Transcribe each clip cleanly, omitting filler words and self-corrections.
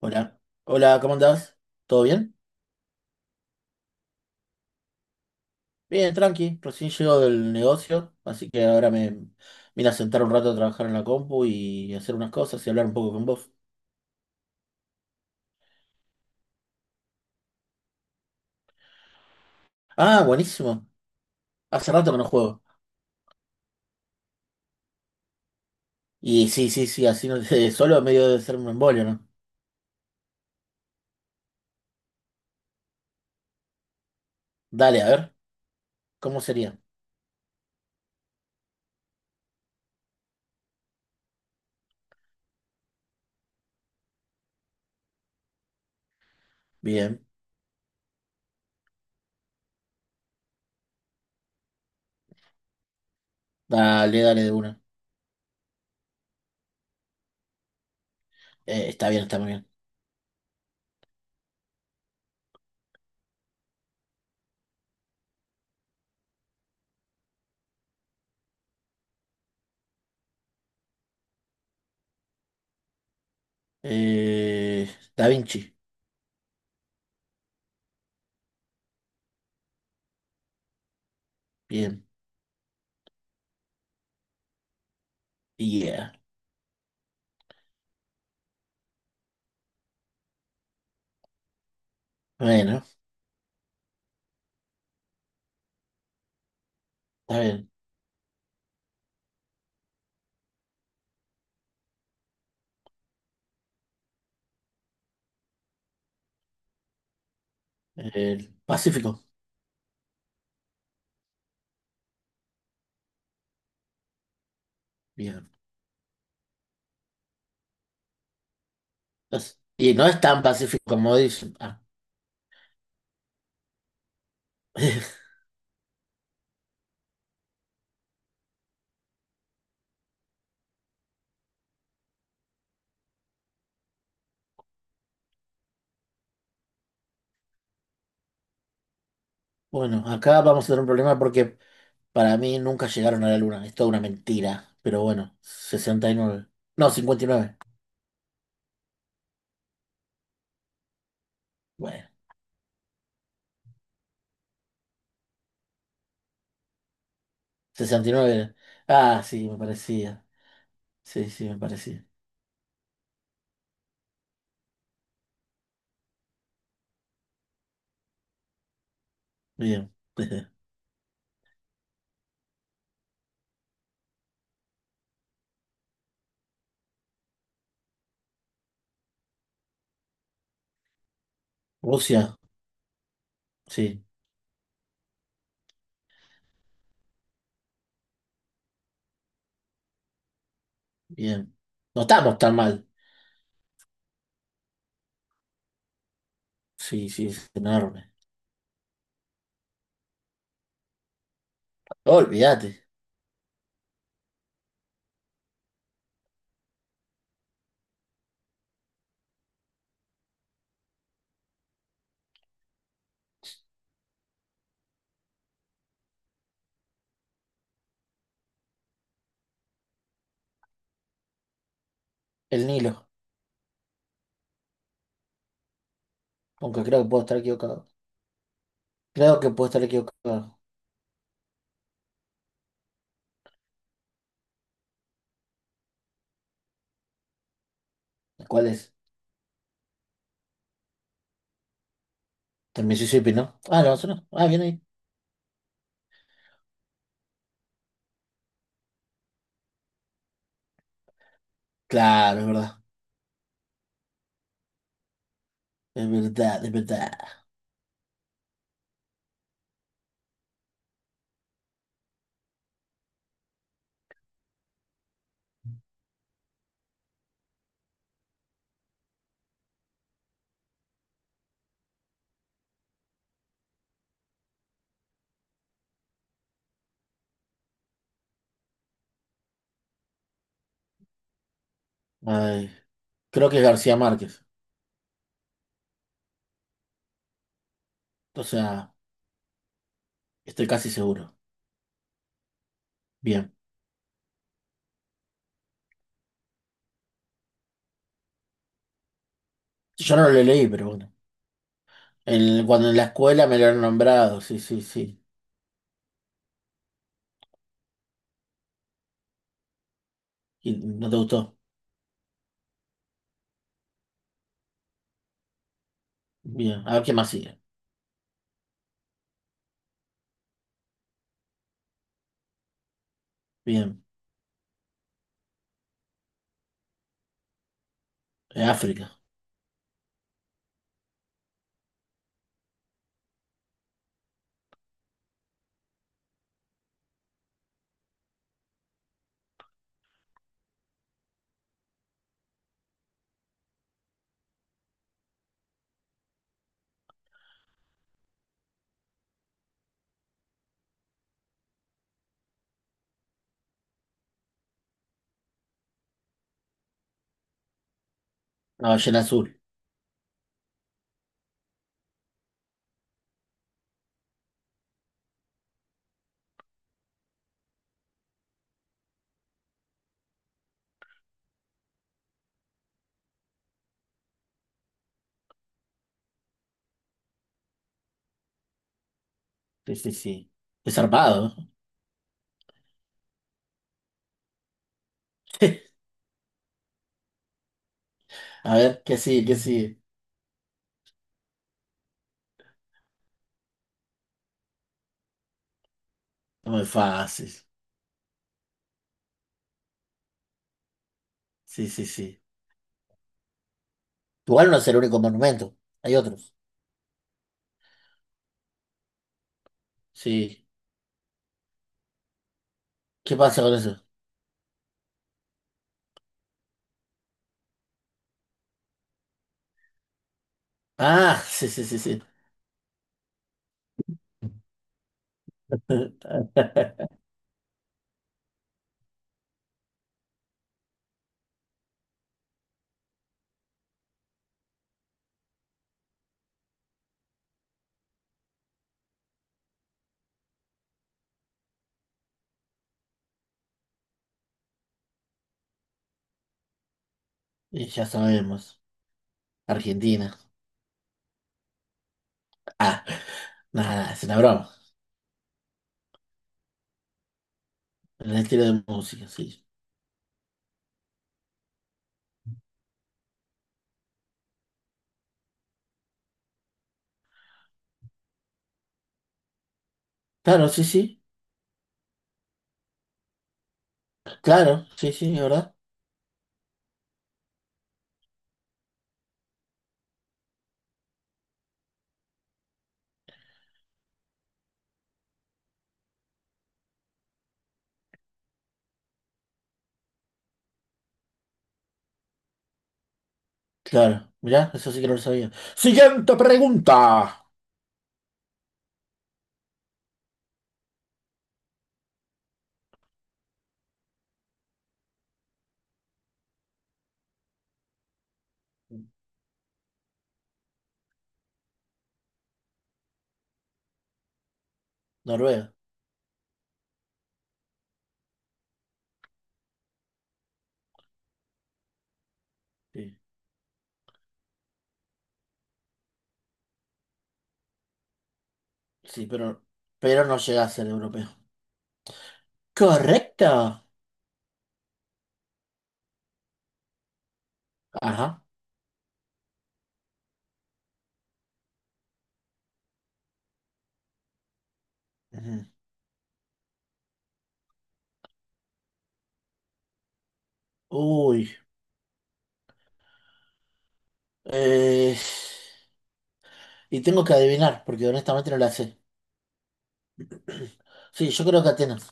Hola, hola, ¿cómo andás? ¿Todo bien? Bien, tranqui, recién llego del negocio, así que ahora me vine a sentar un rato a trabajar en la compu y hacer unas cosas y hablar un poco con vos. Ah, buenísimo, hace rato que no juego. Y sí, sí, sí, así no te, solo medio de ser un embolio, ¿no? Dale, a ver, ¿cómo sería? Bien, dale, dale de una. Está bien, está muy bien. Eh, Da Vinci, bien, yeah. Bueno, está bien. El Pacífico, bien. Es- Y no es tan pacífico como dicen. Ah, Bueno, acá vamos a tener un problema porque para mí nunca llegaron a la luna. Es toda una mentira. Pero bueno, sesenta y nueve. No, cincuenta y nueve. Bueno, 69 era. Ah, sí, me parecía. Sí, sí, me parecía. Bien. Rusia, sí, bien. No estamos tan mal. Sí, sí, es enorme. Olvídate. El Nilo, aunque creo que puedo estar equivocado. Creo que puedo estar equivocado. ¿Cuál es? El Mississippi, ¿no? Ah, no, eso no. Ah, bien ahí. Claro, es verdad, es verdad, es verdad. Ay, creo que es García Márquez, o sea, estoy casi seguro. Bien, yo no lo leí, pero bueno. El- cuando en la escuela me lo han nombrado, sí, sí, sí. Y no te gustó. Bien, a ver qué más sigue. Bien, África, la ballena azul. Sí, sí, sí. Es zarpado, ¿no? A ver, ¿qué sigue? ¿Qué sigue? No muy fácil. Sí, sí, sí. Igual no es el único monumento. Hay otros. Sí. ¿Qué pasa con eso? Ah, sí, sí, sí, sí. Y ya sabemos, Argentina. Ah, nada, nada, es una broma. El estilo de música, sí. Claro, sí, sí. Claro, sí, sí, ¿es verdad? Claro, mirá, eso sí que no lo sabía. Siguiente pregunta. Noruega. Sí, sí, pero no llega a ser europeo. Correcto. Ajá. Ujú. Uy, eh, y tengo que adivinar, porque honestamente no la sé. Sí, yo creo que Atenas.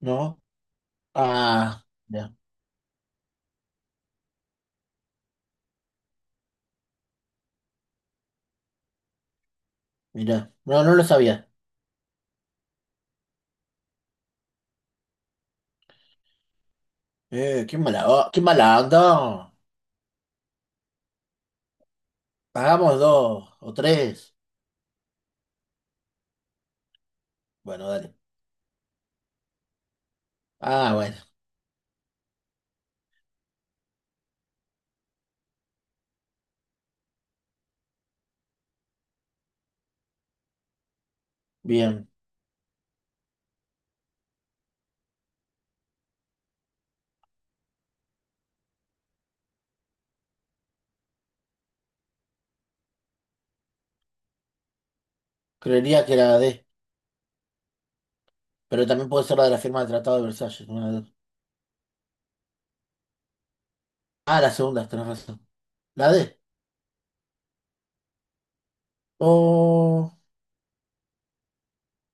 ¿No? Ah, mirá, mira. No, no lo sabía. Qué mala, o- qué mala onda. Pagamos dos o tres. Bueno, dale. Ah, bueno, bien. Creería que era la D, pero también puede ser la de la firma del Tratado de Versalles. Una de- Ah, la segunda, tenés razón. La D. Oh,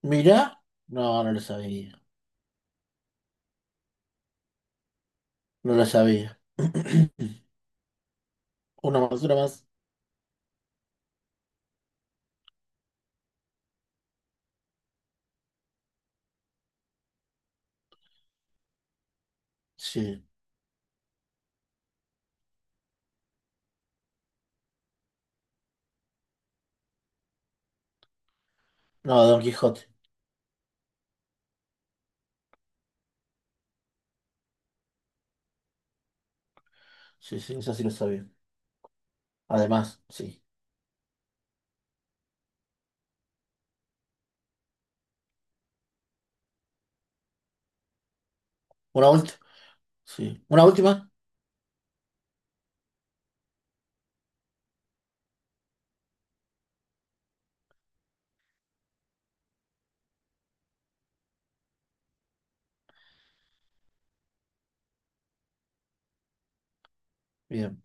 mirá. No, no lo sabía. No lo sabía. Una más, una más. Sí. No, Don Quijote. Sí, sí, eso sí lo sabía. Además, sí. Una última. Sí. Una última. Bien.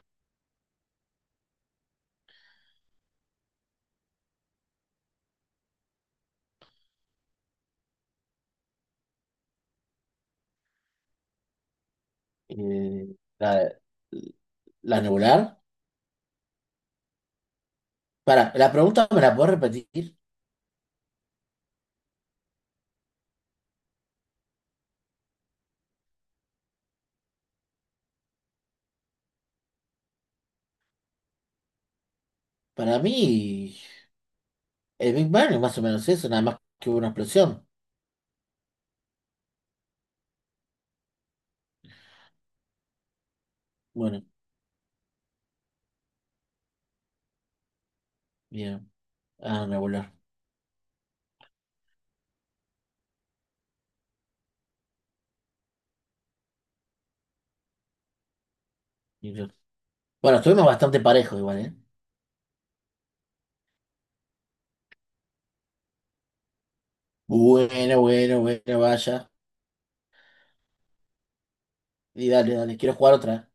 Eh, la, la nebular. Para, la pregunta me la puedo repetir. Para mí, el Big Bang es más o menos eso, nada más que hubo una explosión. Bueno, bien. Ah, me volar. Bueno, estuvimos bastante parejos igual, ¿eh? Bueno, bueno, bueno, vaya. Y dale, dale, quiero jugar otra.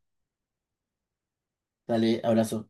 Dale, abrazo.